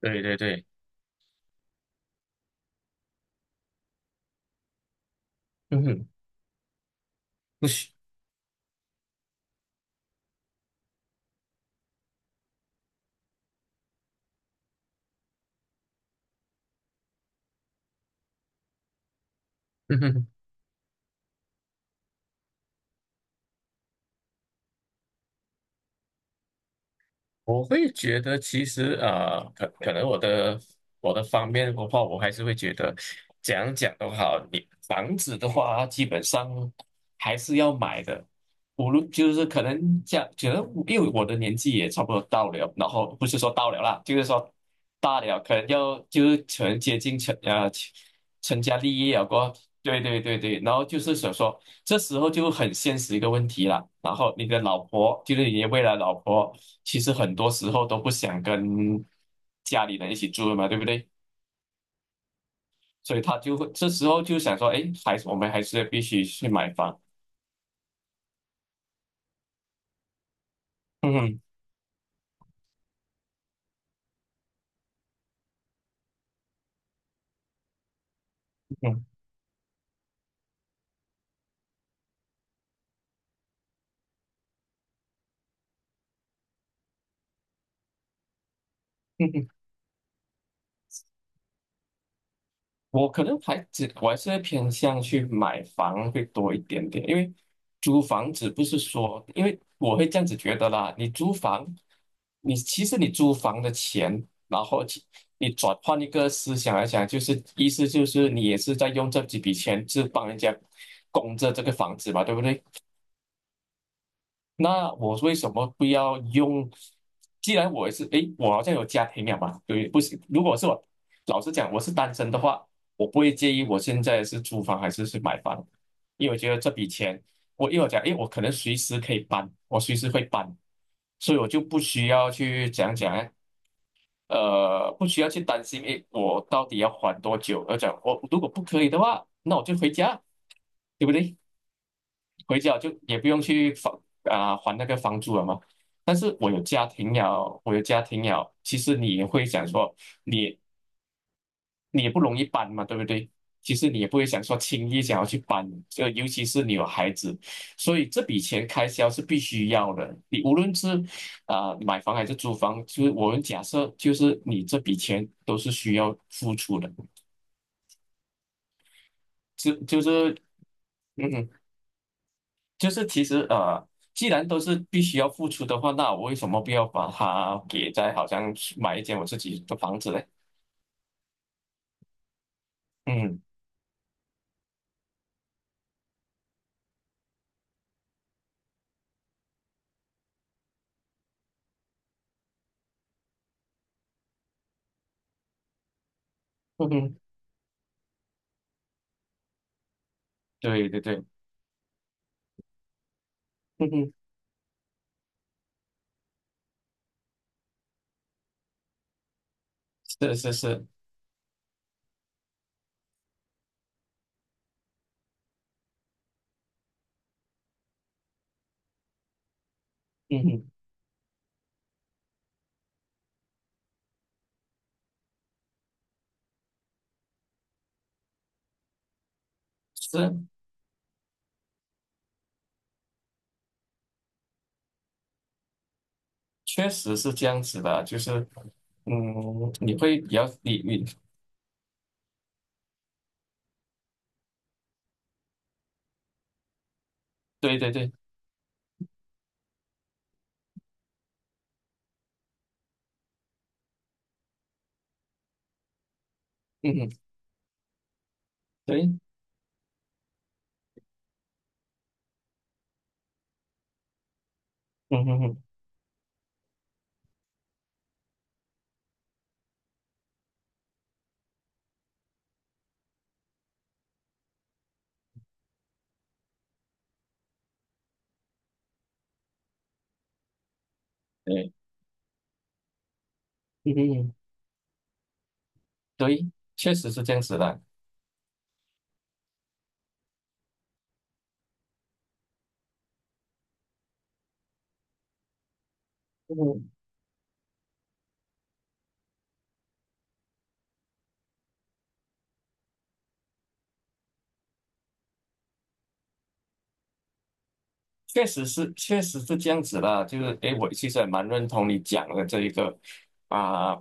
对对对，嗯哼，不行，嗯哼，我会觉得其实可能我的方面的话，我还是会觉得怎样讲都好，你房子的话，基本上还是要买的。无论就是可能讲，觉得因为我的年纪也差不多到了，然后不是说到了啦，就是说大了，可能要就是可能接近成家立业了过后对对对对，然后就是想说。这时候就很现实一个问题了。然后你的老婆，就是你的未来老婆，其实很多时候都不想跟家里人一起住了嘛，对不对？所以他就会这时候就想说，哎，还是我们还是必须去买房。嗯嗯嗯。我可能还只我还是会偏向去买房会多一点点，因为租房子不是说，因为我会这样子觉得啦，你租房，你其实你租房的钱，然后你转换一个思想来讲，就是意思就是你也是在用这几笔钱是帮人家供着这个房子嘛，对不对？那我为什么不要用？既然我也是，诶，我好像有家庭了嘛，对，不行。如果是我，老实讲，我是单身的话，我不会介意我现在是租房还是买房，因为我觉得这笔钱，我一会我讲，诶，我可能随时可以搬，我随时会搬，所以我就不需要去讲讲呢，不需要去担心，诶，我到底要还多久？而讲我如果不可以的话，那我就回家，对不对？回家就也不用去房啊、还那个房租了嘛。但是我有家庭了，我有家庭了，其实你也会想说，你你也不容易搬嘛，对不对？其实你也不会想说轻易想要去搬，就尤其是你有孩子，所以这笔钱开销是必须要的。你无论是买房还是租房，就是我们假设就是你这笔钱都是需要付出的，就就是嗯就是其实，既然都是必须要付出的话，那我为什么不要把它给在好像买一间我自己的房子嘞？嗯，嗯哼，对对对，嗯哼，是是是，嗯哼，是，确实是这样子的，就是嗯，你会比较你你对对对，嗯哼，对，嗯哼哼，对，嗯哼哼对，确实是这样子的。嗯。确实是，确实是这样子啦。就是，诶，我其实也蛮认同你讲的这一个啊、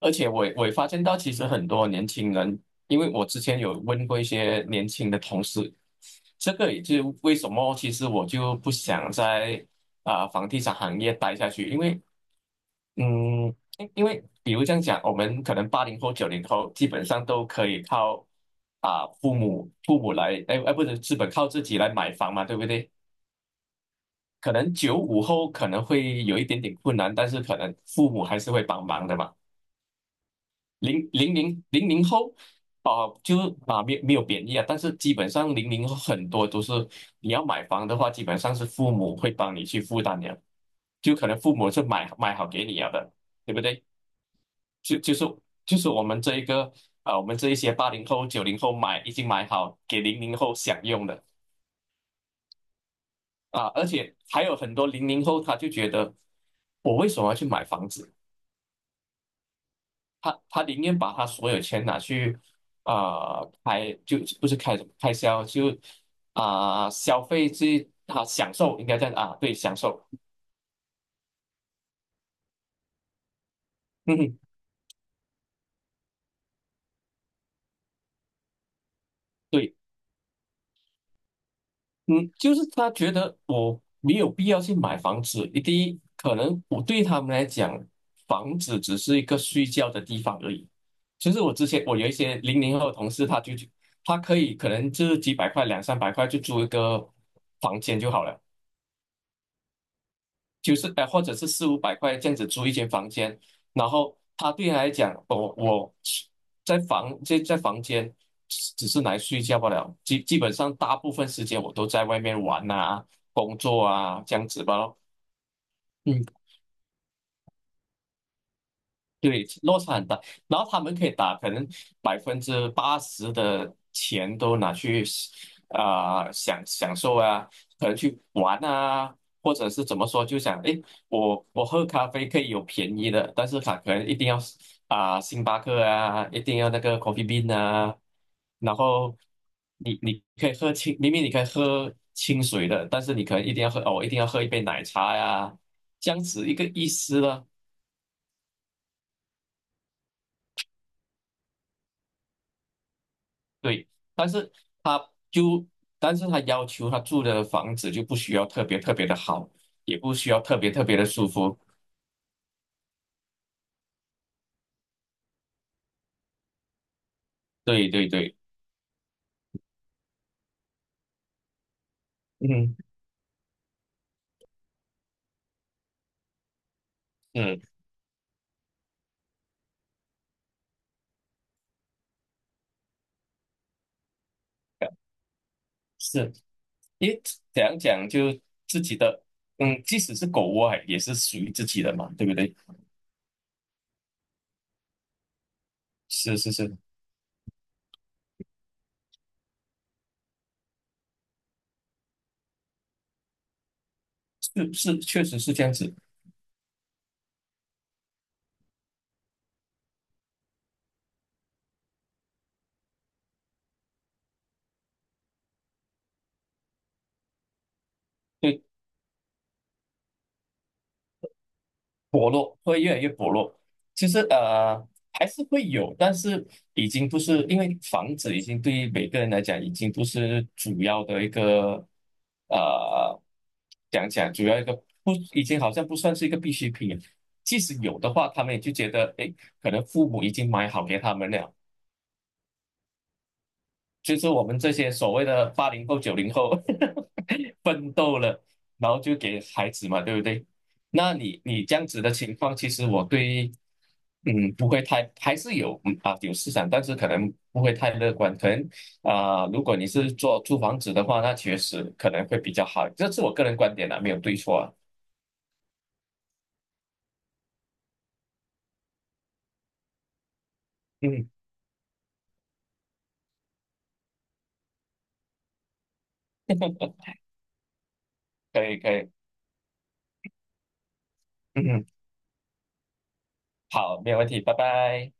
而且我也发现到，其实很多年轻人，因为我之前有问过一些年轻的同事，这个也就是为什么，其实我就不想在房地产行业待下去，因为因为比如这样讲，我们可能八零后、九零后基本上都可以靠父母来，哎哎，不是，基本靠自己来买房嘛，对不对？可能95后可能会有一点点困难，但是可能父母还是会帮忙的嘛。零零后，啊，就啊没有贬义啊，但是基本上零零后很多都是你要买房的话，基本上是父母会帮你去负担的，就可能父母是买好给你了的，对不对？就就是就是我们这一些八零后、九零后已经买好给零零后享用的啊，而且还有很多零零后他就觉得我为什么要去买房子？他宁愿把他所有钱拿去啊、呃开，就不是开销，就消费去啊享受，应该这样啊，对，享受，嗯哼，对，嗯，就是他觉得我没有必要去买房子，第一，可能我对他们来讲，房子只是一个睡觉的地方而已。其实我之前我有一些零零后的同事，他就他可能就是几百块、两三百块就租一个房间就好了。就是，或者是四五百块这样子租一间房间，然后他对他来讲，我在房间只是来睡觉罢了，基本上大部分时间我都在外面玩啊、工作啊这样子吧咯。嗯。对，落差很大。然后他们可以打，可能80%的钱都拿去享受啊，可能去玩啊，或者是怎么说，就想诶，我喝咖啡可以有便宜的，但是他可能一定要星巴克啊，一定要那个 Coffee Bean 啊，然后你可以喝清，明明你可以喝清水的，但是你可能一定要喝哦，我一定要喝一杯奶茶呀、这样子一个意思了。对，但是他就，但是他要求他住的房子就不需要特别特别的好，也不需要特别特别的舒服。对对对，嗯嗯，是，因为怎样讲就自己的，嗯，即使是狗窝啊也是属于自己的嘛，对不对？是是是是是，确实是这样子。对。薄弱，会越来越薄弱。其实还是会有，但是已经不是因为房子已经对于每个人来讲已经不是主要的一个呃讲讲主要一个不已经好像不算是一个必需品了即使有的话，他们也就觉得诶，可能父母已经买好给他们了，就是我们这些所谓的八零后、九零后 奋斗了，然后就给孩子嘛，对不对？那你这样子的情况，其实我对，不会太，还是有嗯啊有市场，但是可能不会太乐观。可能如果你是做租房子的话，那确实可能会比较好。这是我个人观点啊，没有对错啊。嗯，可以可以，嗯，好，没有问题，拜拜。